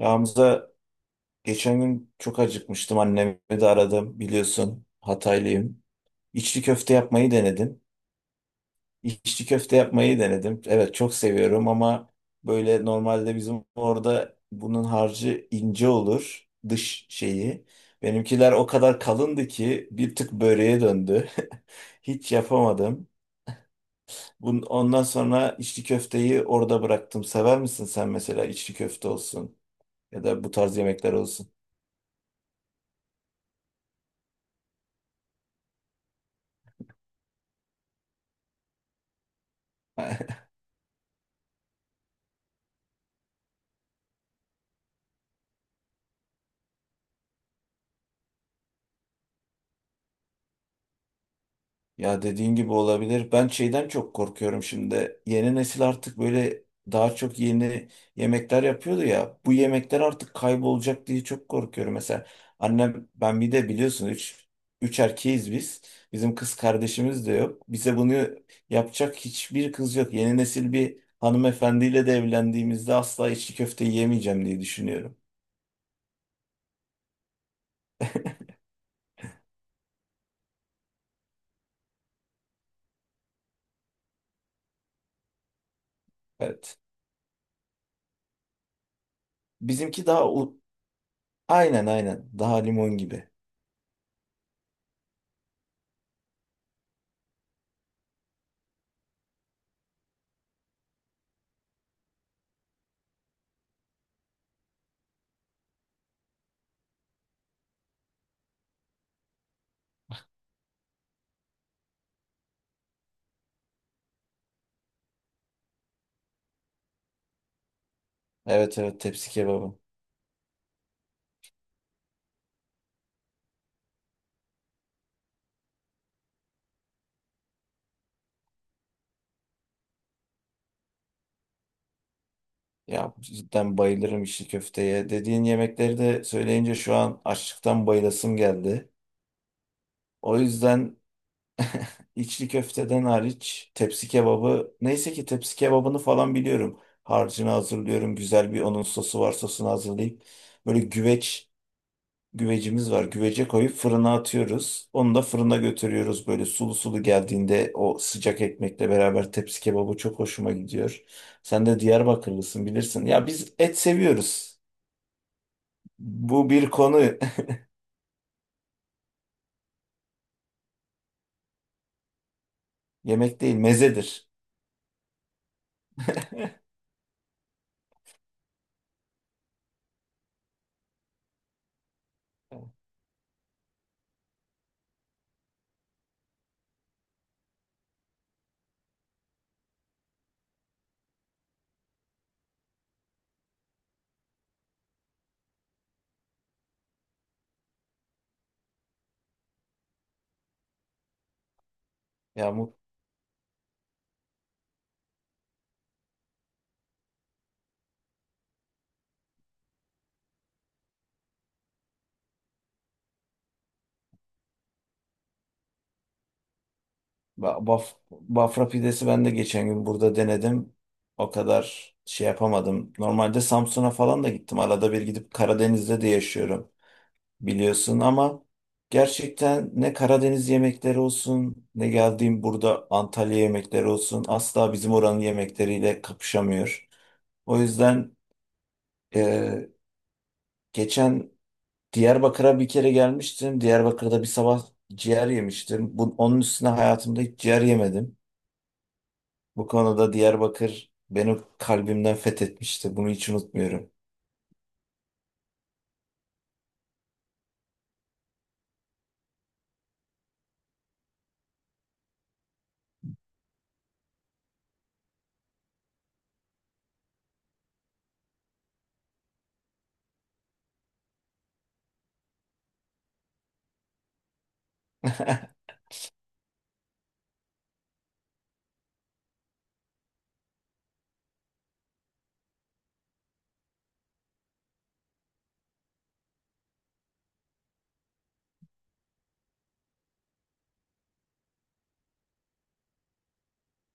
Ramza geçen gün çok acıkmıştım. Annemi de aradım biliyorsun. Hataylıyım. İçli köfte yapmayı denedim. İçli köfte yapmayı denedim. Evet çok seviyorum ama böyle normalde bizim orada bunun harcı ince olur. Dış şeyi. Benimkiler o kadar kalındı ki bir tık böreğe döndü. Hiç yapamadım. Ondan sonra içli köfteyi orada bıraktım. Sever misin sen mesela içli köfte olsun ya da bu tarz yemekler olsun? Ya dediğin gibi olabilir. Ben şeyden çok korkuyorum şimdi. Yeni nesil artık böyle daha çok yeni yemekler yapıyordu ya. Bu yemekler artık kaybolacak diye çok korkuyorum. Mesela annem ben bir de biliyorsun üç erkeğiz biz. Bizim kız kardeşimiz de yok. Bize bunu yapacak hiçbir kız yok. Yeni nesil bir hanımefendiyle de evlendiğimizde asla içli köfte yemeyeceğim diye düşünüyorum. Evet. Bizimki daha u- aynen, aynen, daha limon gibi. Evet, evet, tepsi kebabı. Ya cidden bayılırım içli köfteye. Dediğin yemekleri de söyleyince şu an açlıktan bayılasım geldi. O yüzden içli köfteden hariç tepsi kebabı neyse ki tepsi kebabını falan biliyorum. Harcını hazırlıyorum. Güzel bir onun sosu var, sosunu hazırlayıp böyle güvecimiz var. Güvece koyup fırına atıyoruz. Onu da fırına götürüyoruz. Böyle sulu sulu geldiğinde o sıcak ekmekle beraber tepsi kebabı çok hoşuma gidiyor. Sen de Diyarbakırlısın, bilirsin. Ya biz et seviyoruz. Bu bir konu. Yemek değil, mezedir. Ya bu bafra pidesi ben de geçen gün burada denedim. O kadar şey yapamadım. Normalde Samsun'a falan da gittim. Arada bir gidip Karadeniz'de de yaşıyorum biliyorsun ama gerçekten ne Karadeniz yemekleri olsun, ne geldiğim burada Antalya yemekleri olsun asla bizim oranın yemekleriyle kapışamıyor. O yüzden e, geçen Diyarbakır'a bir kere gelmiştim. Diyarbakır'da bir sabah ciğer yemiştim. Onun üstüne hayatımda hiç ciğer yemedim. Bu konuda Diyarbakır beni kalbimden fethetmişti. Bunu hiç unutmuyorum.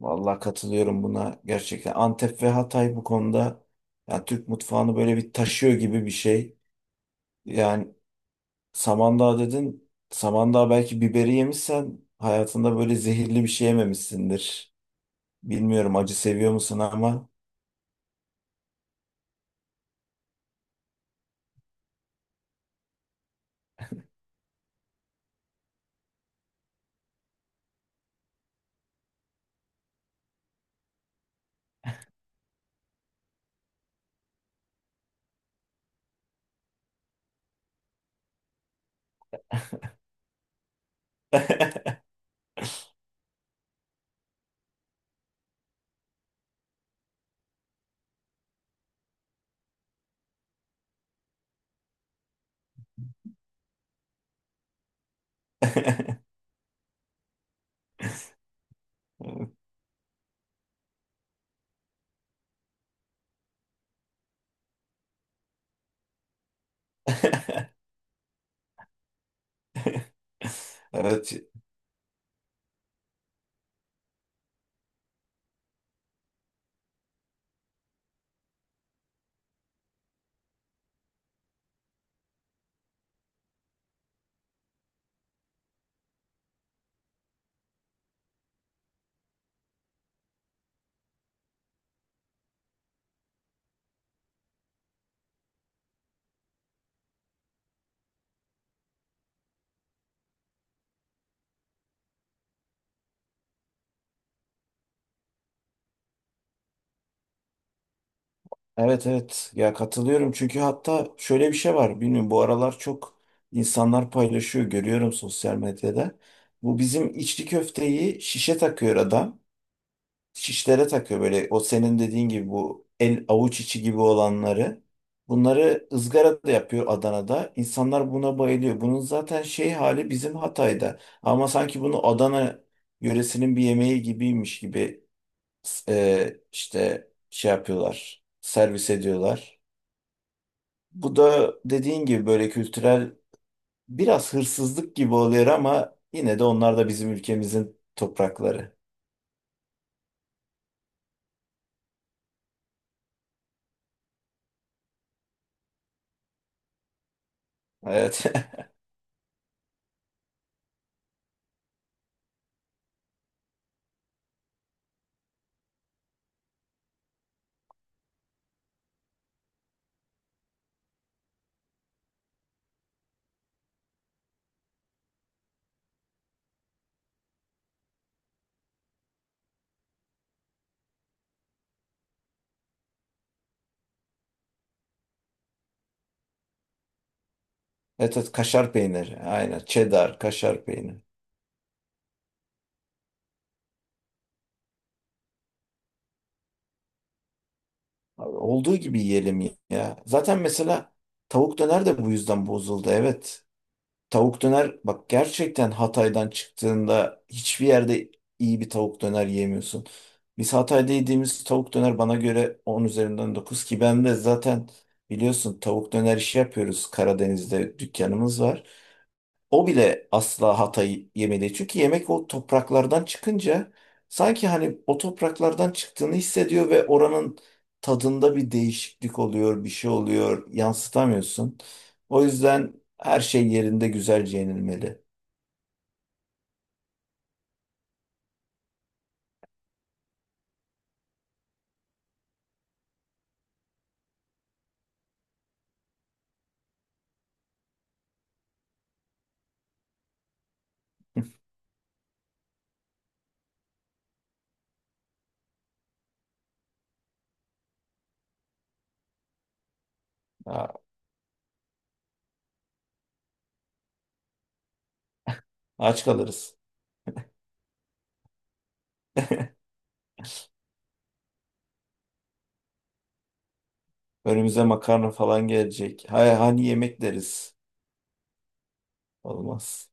Vallahi katılıyorum buna, gerçekten. Antep ve Hatay bu konuda, yani Türk mutfağını böyle bir taşıyor gibi bir şey. Yani Samandağ dedin. Samandağ belki biberi yemişsen hayatında böyle zehirli bir şey yememişsindir. Bilmiyorum acı seviyor musun ama. Evet, evet, evet. Ya katılıyorum çünkü hatta şöyle bir şey var. Bilmiyorum bu aralar çok insanlar paylaşıyor, görüyorum sosyal medyada. Bu bizim içli köfteyi şişe takıyor adam. Şişlere takıyor böyle, o senin dediğin gibi bu el avuç içi gibi olanları. Bunları ızgara da yapıyor Adana'da. İnsanlar buna bayılıyor. Bunun zaten şey hali bizim Hatay'da. Ama sanki bunu Adana yöresinin bir yemeği gibiymiş gibi işte şey yapıyorlar. Servis ediyorlar. Bu da dediğin gibi böyle kültürel biraz hırsızlık gibi oluyor ama yine de onlar da bizim ülkemizin toprakları. Evet. Evet, evet, kaşar peyniri. Aynen. Cheddar, kaşar peyniri. Abi, olduğu gibi yiyelim ya. Zaten mesela tavuk döner de bu yüzden bozuldu. Evet. Tavuk döner bak, gerçekten Hatay'dan çıktığında hiçbir yerde iyi bir tavuk döner yiyemiyorsun. Biz Hatay'da yediğimiz tavuk döner bana göre 10 üzerinden 9, ki ben de zaten biliyorsun tavuk döner işi yapıyoruz. Karadeniz'de dükkanımız var. O bile asla hatayı yemedi. Çünkü yemek o topraklardan çıkınca sanki hani o topraklardan çıktığını hissediyor ve oranın tadında bir değişiklik oluyor, bir şey oluyor, yansıtamıyorsun. O yüzden her şey yerinde güzelce yenilmeli. Ha, aç kalırız. Önümüze makarna falan gelecek. Hay hani yemek deriz. Olmaz.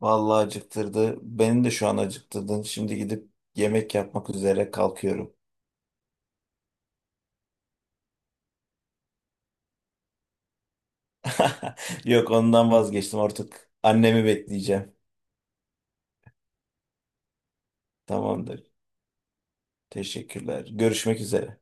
Vallahi acıktırdı. Beni de şu an acıktırdın. Şimdi gidip yemek yapmak üzere kalkıyorum. Yok, ondan vazgeçtim artık. Annemi bekleyeceğim. Tamamdır. Teşekkürler. Görüşmek üzere.